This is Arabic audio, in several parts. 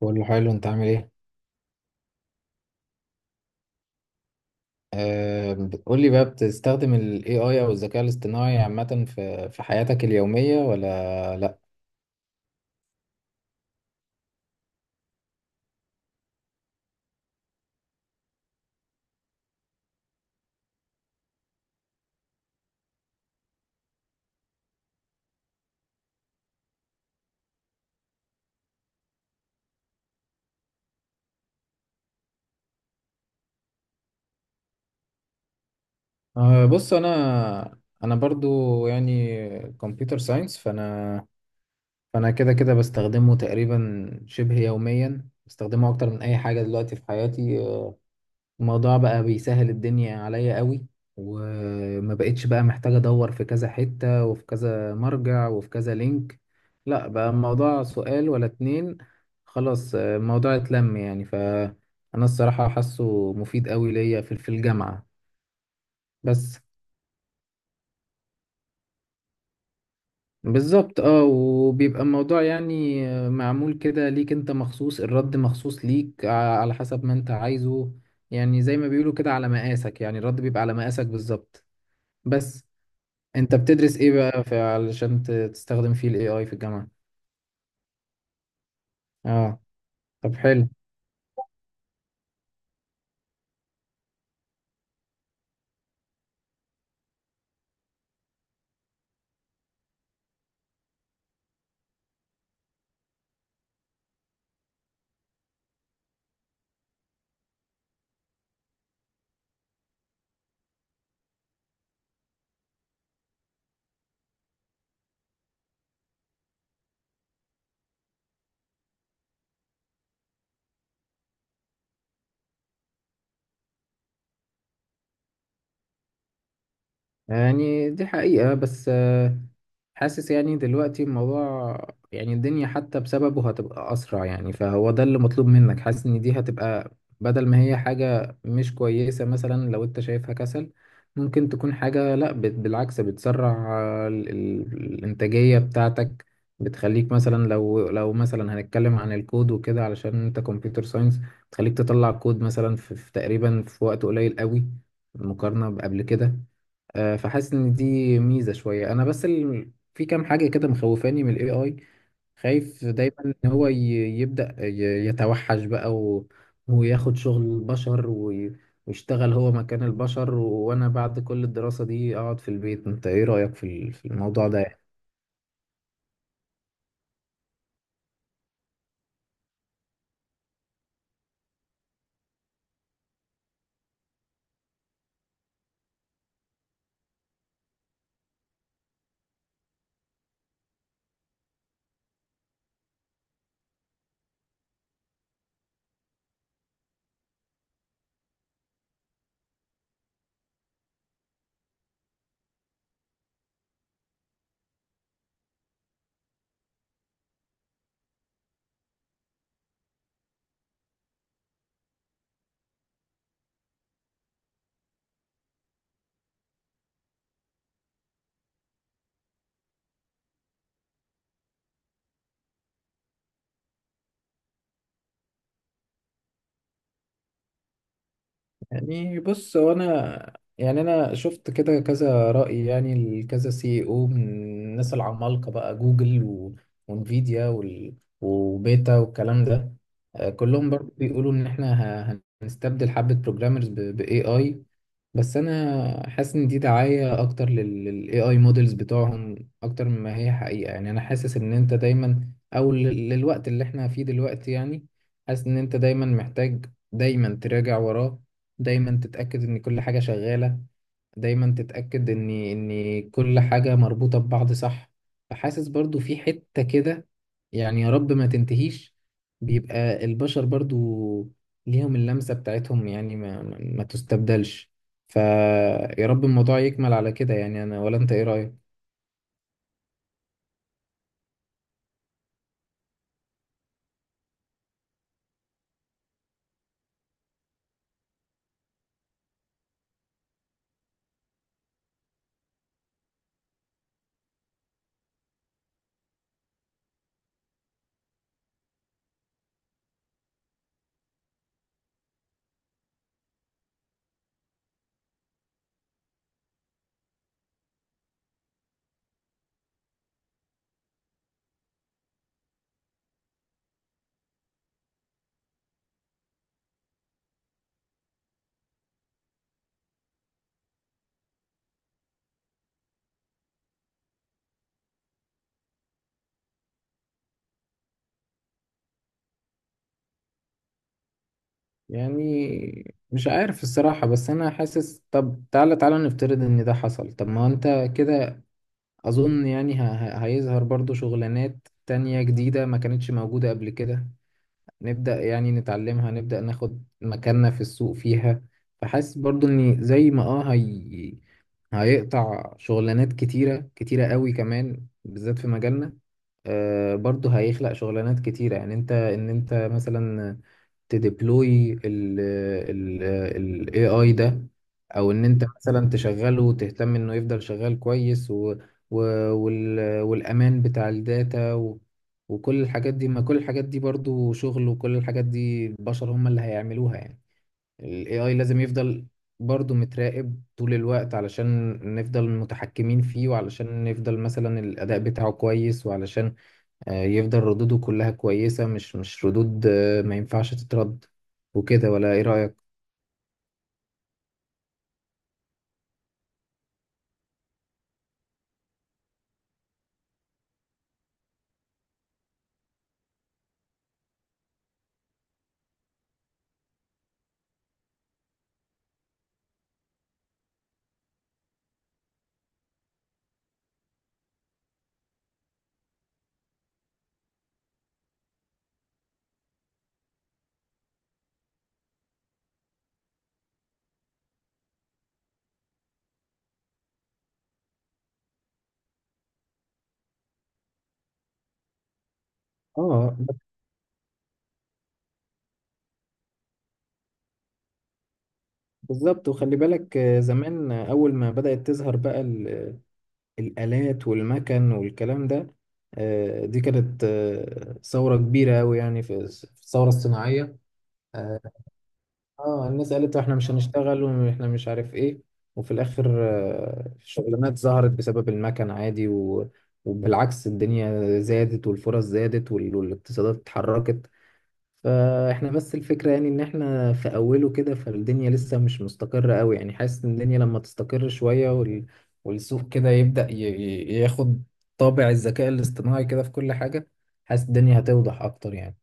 كله حلو، انت عامل ايه؟ آه، قول لي بقى، بتستخدم ال AI او الذكاء الاصطناعي عامة في حياتك اليومية ولا لا؟ آه بص، انا برضو يعني كمبيوتر ساينس فانا. فانا كده كده بستخدمه تقريبا شبه يوميا، بستخدمه اكتر من اي حاجة دلوقتي في حياتي. الموضوع بقى بيسهل الدنيا عليا قوي، وما بقتش بقى محتاج ادور في كذا حتة وفي كذا مرجع وفي كذا لينك. لا، بقى الموضوع سؤال ولا اتنين. خلاص الموضوع اتلم يعني. فانا الصراحة حاسه مفيد قوي ليا في الجامعة بس. بالظبط اه، وبيبقى الموضوع يعني، معمول كده ليك انت مخصوص، الرد مخصوص ليك على حسب ما انت عايزه. يعني زي ما بيقولوا كده على مقاسك، يعني الرد بيبقى على مقاسك بالظبط. بس انت بتدرس ايه بقى في علشان تستخدم فيه الاي اي في الجامعة؟ اه طب حلو. يعني دي حقيقة، بس حاسس يعني دلوقتي الموضوع، يعني الدنيا حتى بسببه هتبقى أسرع، يعني فهو ده اللي مطلوب منك. حاسس إن دي هتبقى، بدل ما هي حاجة مش كويسة مثلا لو أنت شايفها كسل، ممكن تكون حاجة لأ، بالعكس، بتسرع الإنتاجية بتاعتك. بتخليك مثلا، لو مثلا هنتكلم عن الكود وكده علشان أنت كمبيوتر ساينس، تخليك تطلع كود مثلا في تقريبا في وقت قليل قوي مقارنة بقبل كده. فحاسس ان دي ميزه شويه. انا بس في كام حاجه كده مخوفاني من الاي اي. خايف دايما ان هو يبدا يتوحش بقى وياخد شغل البشر ويشتغل هو مكان البشر وانا بعد كل الدراسه دي اقعد في البيت. انت ايه رايك في في الموضوع ده؟ يعني بص، هو انا يعني انا شفت كده كذا رأي يعني لكذا سي او من الناس العمالقة بقى، جوجل وانفيديا وبيتا والكلام ده. كلهم برضه بيقولوا ان احنا هنستبدل حبة بروجرامرز باي اي. بس انا حاسس ان دي دعاية اكتر للاي اي مودلز بتوعهم اكتر مما هي حقيقة. يعني انا حاسس ان انت دايما، او للوقت اللي احنا فيه دلوقتي يعني، حاسس ان انت دايما محتاج دايما تراجع وراه، دايما تتأكد ان كل حاجة شغالة، دايما تتأكد ان كل حاجة مربوطة ببعض صح. فحاسس برضو في حتة كده، يعني يا رب ما تنتهيش، بيبقى البشر برضو ليهم اللمسة بتاعتهم، يعني ما تستبدلش. فيا رب الموضوع يكمل على كده يعني. انا، ولا انت ايه رأيك؟ يعني مش عارف الصراحة، بس انا حاسس طب تعالى، نفترض ان ده حصل، طب ما هو انت كده أظن يعني هيظهر برضو شغلانات تانية جديدة ما كانتش موجودة قبل كده، نبدأ يعني نتعلمها، نبدأ ناخد مكاننا في السوق فيها. فحاسس برضو إن زي ما اه هيقطع شغلانات كتيرة كتيرة قوي كمان بالذات في مجالنا، آه برضو هيخلق شغلانات كتيرة. يعني انت، انت مثلا تديبلوي ال AI ده، او ان انت مثلا تشغله وتهتم انه يفضل شغال كويس و والامان بتاع الداتا و وكل الحاجات دي، ما كل الحاجات دي برضو شغل، وكل الحاجات دي البشر هم اللي هيعملوها يعني. ال AI لازم يفضل برضو متراقب طول الوقت علشان نفضل متحكمين فيه، وعلشان نفضل مثلا الأداء بتاعه كويس، وعلشان يفضل ردوده كلها كويسة، مش ردود ما ينفعش تترد وكده. ولا ايه رأيك؟ اه بالظبط. وخلي بالك زمان، أول ما بدأت تظهر بقى الآلات والمكن والكلام ده، دي كانت ثورة كبيرة أوي يعني، في الثورة الصناعية. آه، اه، الناس قالت احنا مش هنشتغل واحنا مش عارف ايه، وفي الاخر الشغلانات ظهرت بسبب المكن عادي وبالعكس الدنيا زادت والفرص زادت والاقتصادات اتحركت. فاحنا بس الفكرة يعني ان احنا في اوله كده، فالدنيا لسه مش مستقرة قوي يعني. حاسس ان الدنيا لما تستقر شوية والسوق كده يبدأ ياخد طابع الذكاء الاصطناعي كده في كل حاجة، حاسس الدنيا هتوضح اكتر يعني.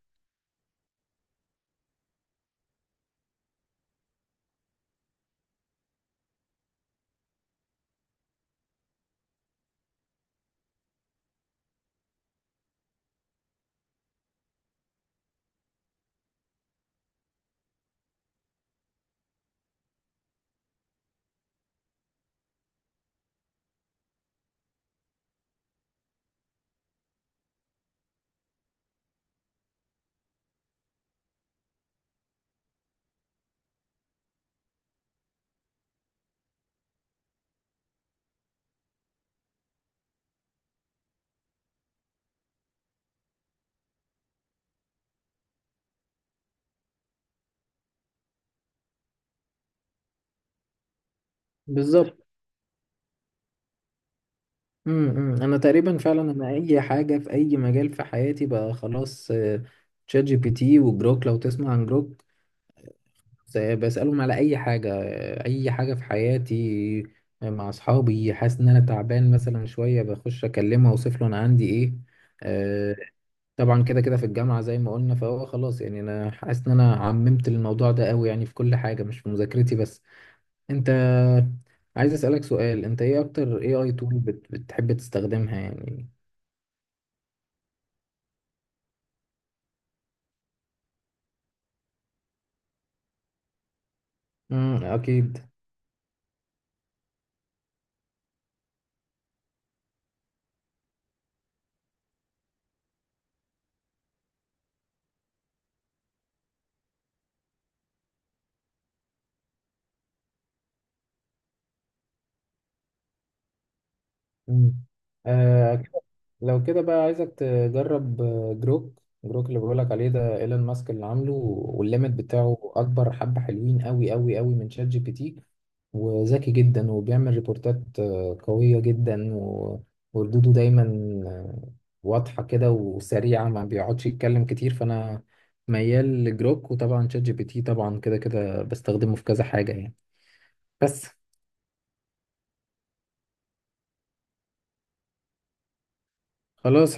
بالظبط. انا تقريبا فعلا، انا اي حاجه في اي مجال في حياتي بقى خلاص، تشات جي بي تي وجروك، لو تسمع عن جروك، بسالهم على اي حاجه، اي حاجه في حياتي. مع اصحابي، حاسس ان انا تعبان مثلا شويه، بخش اكلمه اوصف له انا عندي ايه. آه، طبعا كده كده في الجامعه زي ما قلنا، فهو خلاص يعني. انا حاسس ان انا عممت الموضوع ده قوي يعني في كل حاجه، مش في مذاكرتي بس. انت عايز اسالك سؤال، انت ايه اكتر اي اي تول بتحب تستخدمها يعني؟ امم، اكيد. مم. آه، لو كده بقى عايزك تجرب جروك. اللي بقولك عليه ده ايلون ماسك اللي عامله، والليمت بتاعه اكبر حبة، حلوين قوي قوي قوي من شات جي بي تي وذكي جدا، وبيعمل ريبورتات قوية جدا وردوده دايما آه، واضحة كده وسريعة، ما بيقعدش يتكلم كتير. فانا ميال لجروك، وطبعا شات جي بي تي طبعا كده كده بستخدمه في كذا حاجة يعني. بس خلاص.